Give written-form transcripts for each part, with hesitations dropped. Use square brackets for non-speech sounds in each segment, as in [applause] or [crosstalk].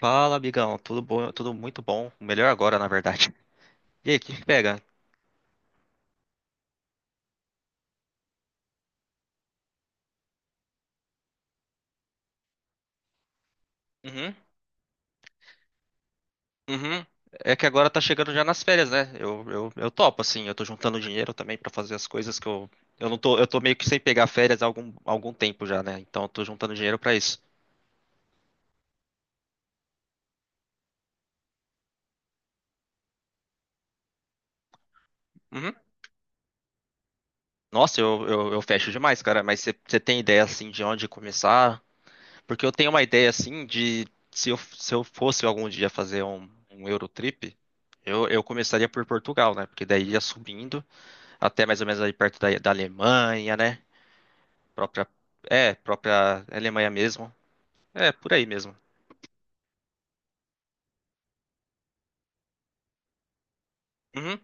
Fala, amigão. Tudo bom? Tudo muito bom. Melhor agora, na verdade. [laughs] E aí, o que que pega? Uhum, uhum. É que agora tá chegando já nas férias, né? Eu topo, assim. Eu tô juntando dinheiro também pra fazer as coisas que eu. Eu não tô. Eu tô meio que sem pegar férias há algum tempo já, né? Então eu tô juntando dinheiro pra isso. Uhum. Nossa, eu fecho demais, cara. Mas você tem ideia, assim, de onde começar? Porque eu tenho uma ideia, assim, de. Se eu fosse algum dia fazer um Eurotrip, eu começaria por Portugal, né? Porque daí ia subindo. Até mais ou menos ali perto da Alemanha, né? Própria, é, própria Alemanha mesmo. É, por aí mesmo. Uhum.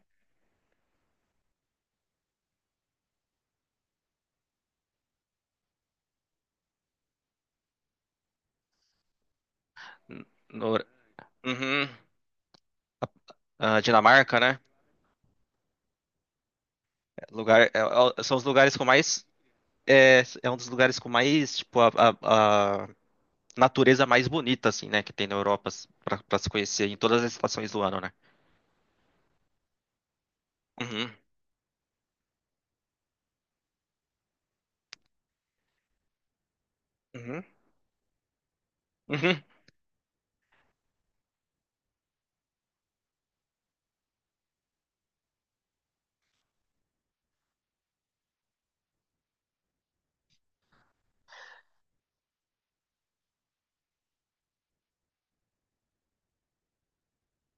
N- Nor- uhum. Ah, Dinamarca, né? Lugar, são os lugares com mais, é um dos lugares com mais, tipo, a natureza mais bonita, assim, né? Que tem na Europa pra se conhecer em todas as estações do ano, né? Uhum, uhum, uhum,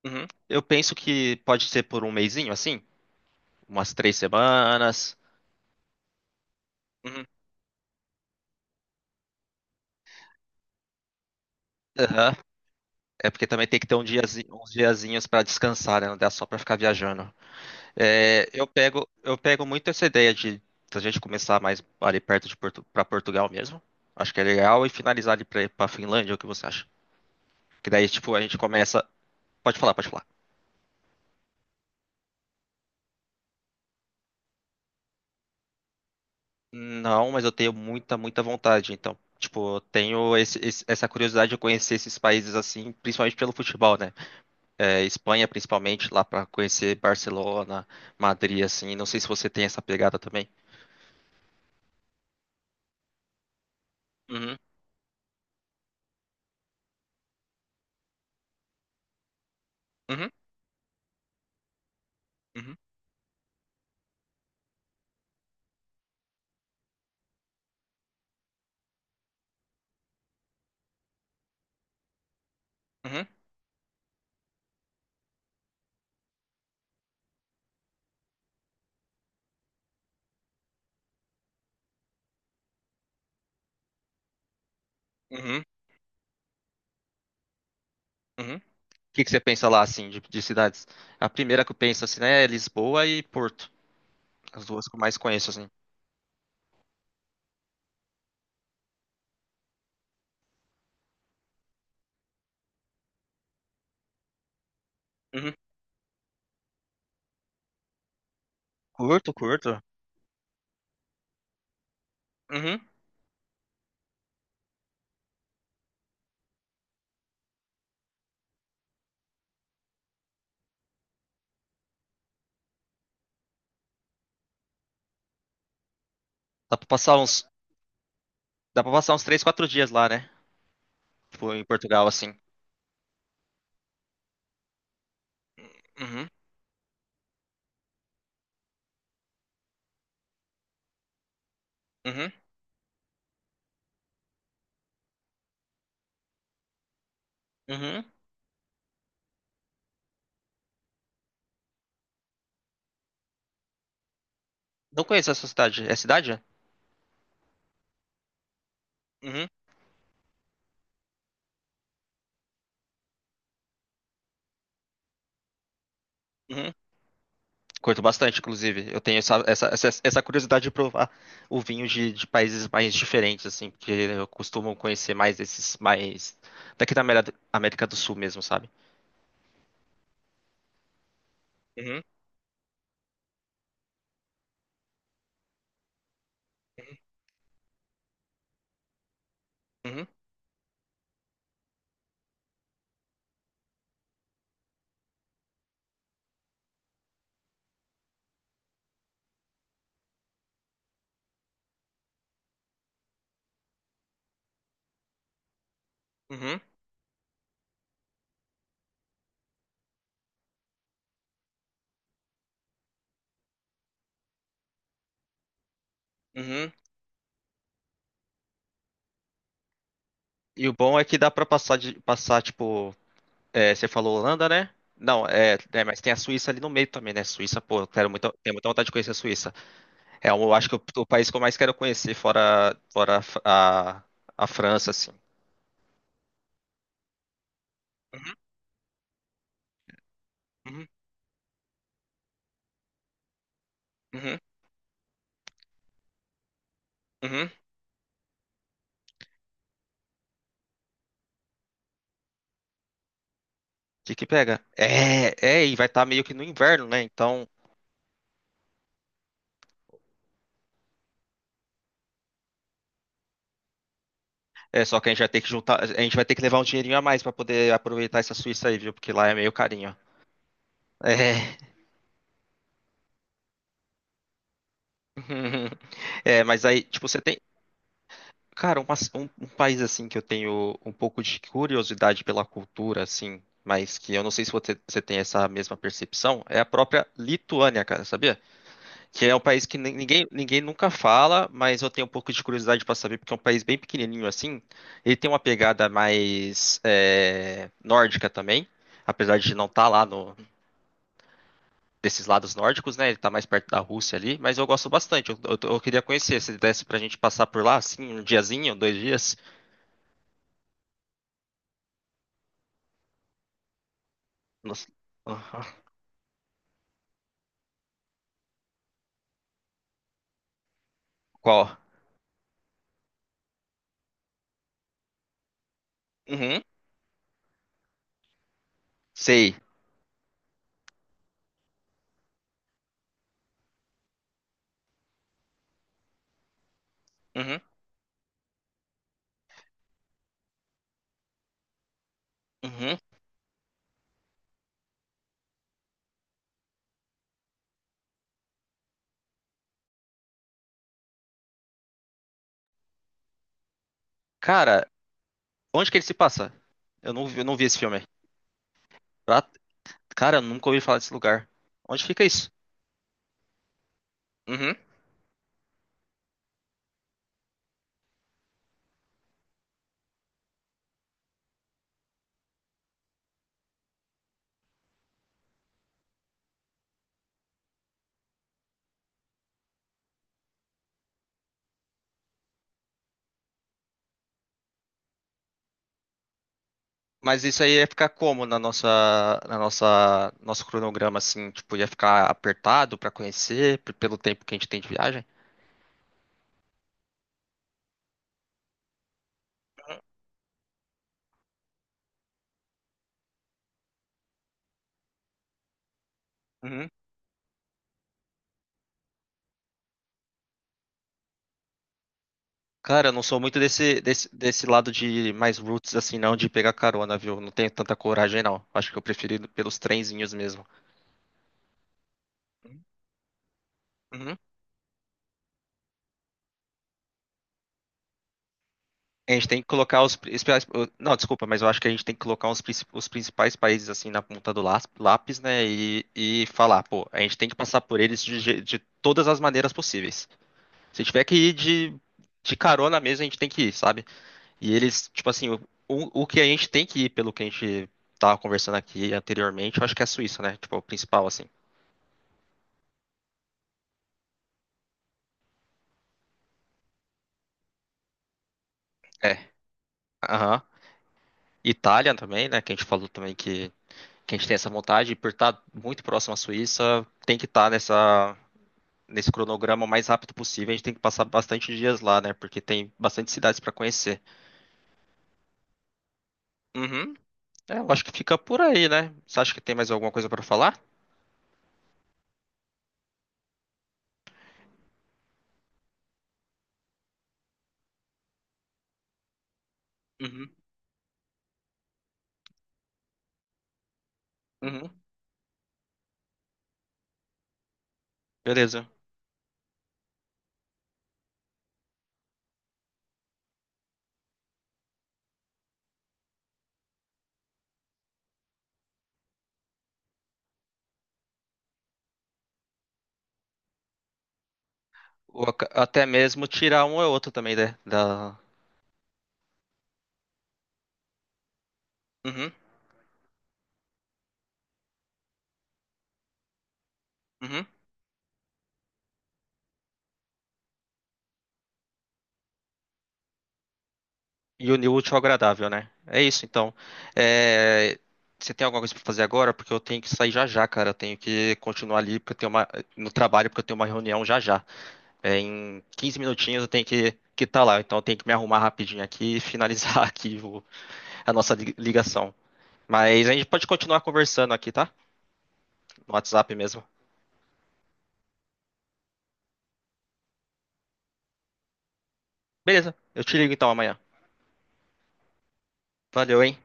uhum. Eu penso que pode ser por um mesinho, assim, umas 3 semanas. Uhum. É porque também tem que ter uns diazinhos para descansar, né? Não dá só para ficar viajando. É, eu pego muito essa ideia de a gente começar mais ali perto de para Portugal mesmo. Acho que é legal e finalizar ali para Finlândia, o que você acha? Que daí tipo a gente começa. Pode falar, pode falar. Não, mas eu tenho muita, muita vontade. Então, tipo, eu tenho essa curiosidade de conhecer esses países assim, principalmente pelo futebol, né? É, Espanha, principalmente, lá para conhecer Barcelona, Madrid, assim. Não sei se você tem essa pegada também. Uhum. Uhum, uhum, uhum, uhum, uhum. O que que você pensa lá, assim, de cidades? É a primeira que eu penso, assim, né, é Lisboa e Porto. As duas que eu mais conheço, assim. Uhum. Curto, curto. Uhum. Dá pra passar uns, dá pra passar uns 3, 4 dias lá, né? Tipo, em Portugal, assim. Uhum, uhum, uhum. Não conheço essa cidade. É cidade? Uhum, uhum. Curto bastante, inclusive. Eu tenho essa curiosidade de provar o vinho de países mais diferentes, assim, porque eu costumo conhecer mais esses mais daqui da América do Sul mesmo, sabe? Uhum, uhum, uhum, uhum. E o bom é que dá pra passar de passar, tipo, é, você falou Holanda, né? Não, mas tem a Suíça ali no meio também, né? Suíça, pô, eu quero muito, tenho muita vontade de conhecer a Suíça. É, eu acho que o país que eu mais quero conhecer fora, a, a, a França, assim. Uhum, uhum, uhum, uhum. De que pega? E vai estar meio que no inverno, né? Então, é só que a gente vai ter que juntar, a gente vai ter que levar um dinheirinho a mais para poder aproveitar essa Suíça aí, viu? Porque lá é meio carinho. É. [laughs] É, mas aí, tipo, você tem, cara, um país assim que eu tenho um pouco de curiosidade pela cultura, assim, mas que eu não sei se você tem essa mesma percepção, é a própria Lituânia, cara, sabia? Que é um país que ninguém nunca fala, mas eu tenho um pouco de curiosidade para saber, porque é um país bem pequenininho assim. Ele tem uma pegada mais é, nórdica também, apesar de não estar lá no, desses lados nórdicos, né? Ele tá mais perto da Rússia ali, mas eu gosto bastante. Eu queria conhecer, se desse pra gente passar por lá, assim, um diazinho, 2 dias. Nossa. Aham. Qual? Uhum, sei. Uhum, uhum. Cara, onde que ele se passa? Eu não vi esse filme. Ah, cara, eu nunca ouvi falar desse lugar. Onde fica isso? Uhum. Mas isso aí ia ficar como nosso cronograma, assim, tipo, ia ficar apertado pra conhecer pelo tempo que a gente tem de viagem? Uhum. Cara, eu não sou muito desse lado de mais roots, assim, não, de pegar carona, viu? Não tenho tanta coragem, não. Acho que eu prefiro ir pelos trenzinhos mesmo. Uhum. A gente tem que colocar os. Não, desculpa, mas eu acho que a gente tem que colocar os, os principais países assim na ponta do lápis, né? E falar, pô, a gente tem que passar por eles de todas as maneiras possíveis. Se tiver que ir de carona mesmo, a gente tem que ir, sabe? E eles, tipo assim, o que a gente tem que ir, pelo que a gente tava conversando aqui anteriormente, eu acho que é a Suíça, né? Tipo, o principal, assim. É. Aham. Itália também, né? Que a gente falou também que a gente tem essa vontade, e por estar muito próximo à Suíça, tem que estar nessa, nesse cronograma o mais rápido possível. A gente tem que passar bastante dias lá, né? Porque tem bastante cidades para conhecer. Uhum. É, eu acho que fica por aí, né? Você acha que tem mais alguma coisa para falar? Uhum. Uhum. Beleza. Ou até mesmo tirar um ou outro também, né? Da... Uhum, uhum. E unir o útil ao agradável, né? É isso, então. É, você tem alguma coisa pra fazer agora? Porque eu tenho que sair já já, cara. Eu tenho que continuar ali, porque eu tenho uma... no trabalho, porque eu tenho uma reunião já já. É, em 15 minutinhos eu tenho que tá lá. Então eu tenho que me arrumar rapidinho aqui e finalizar [laughs] aqui a nossa ligação. Mas a gente pode continuar conversando aqui, tá? No WhatsApp mesmo. Beleza, eu te ligo então amanhã. Valeu, hein?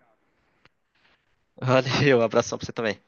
Valeu, abração pra você também.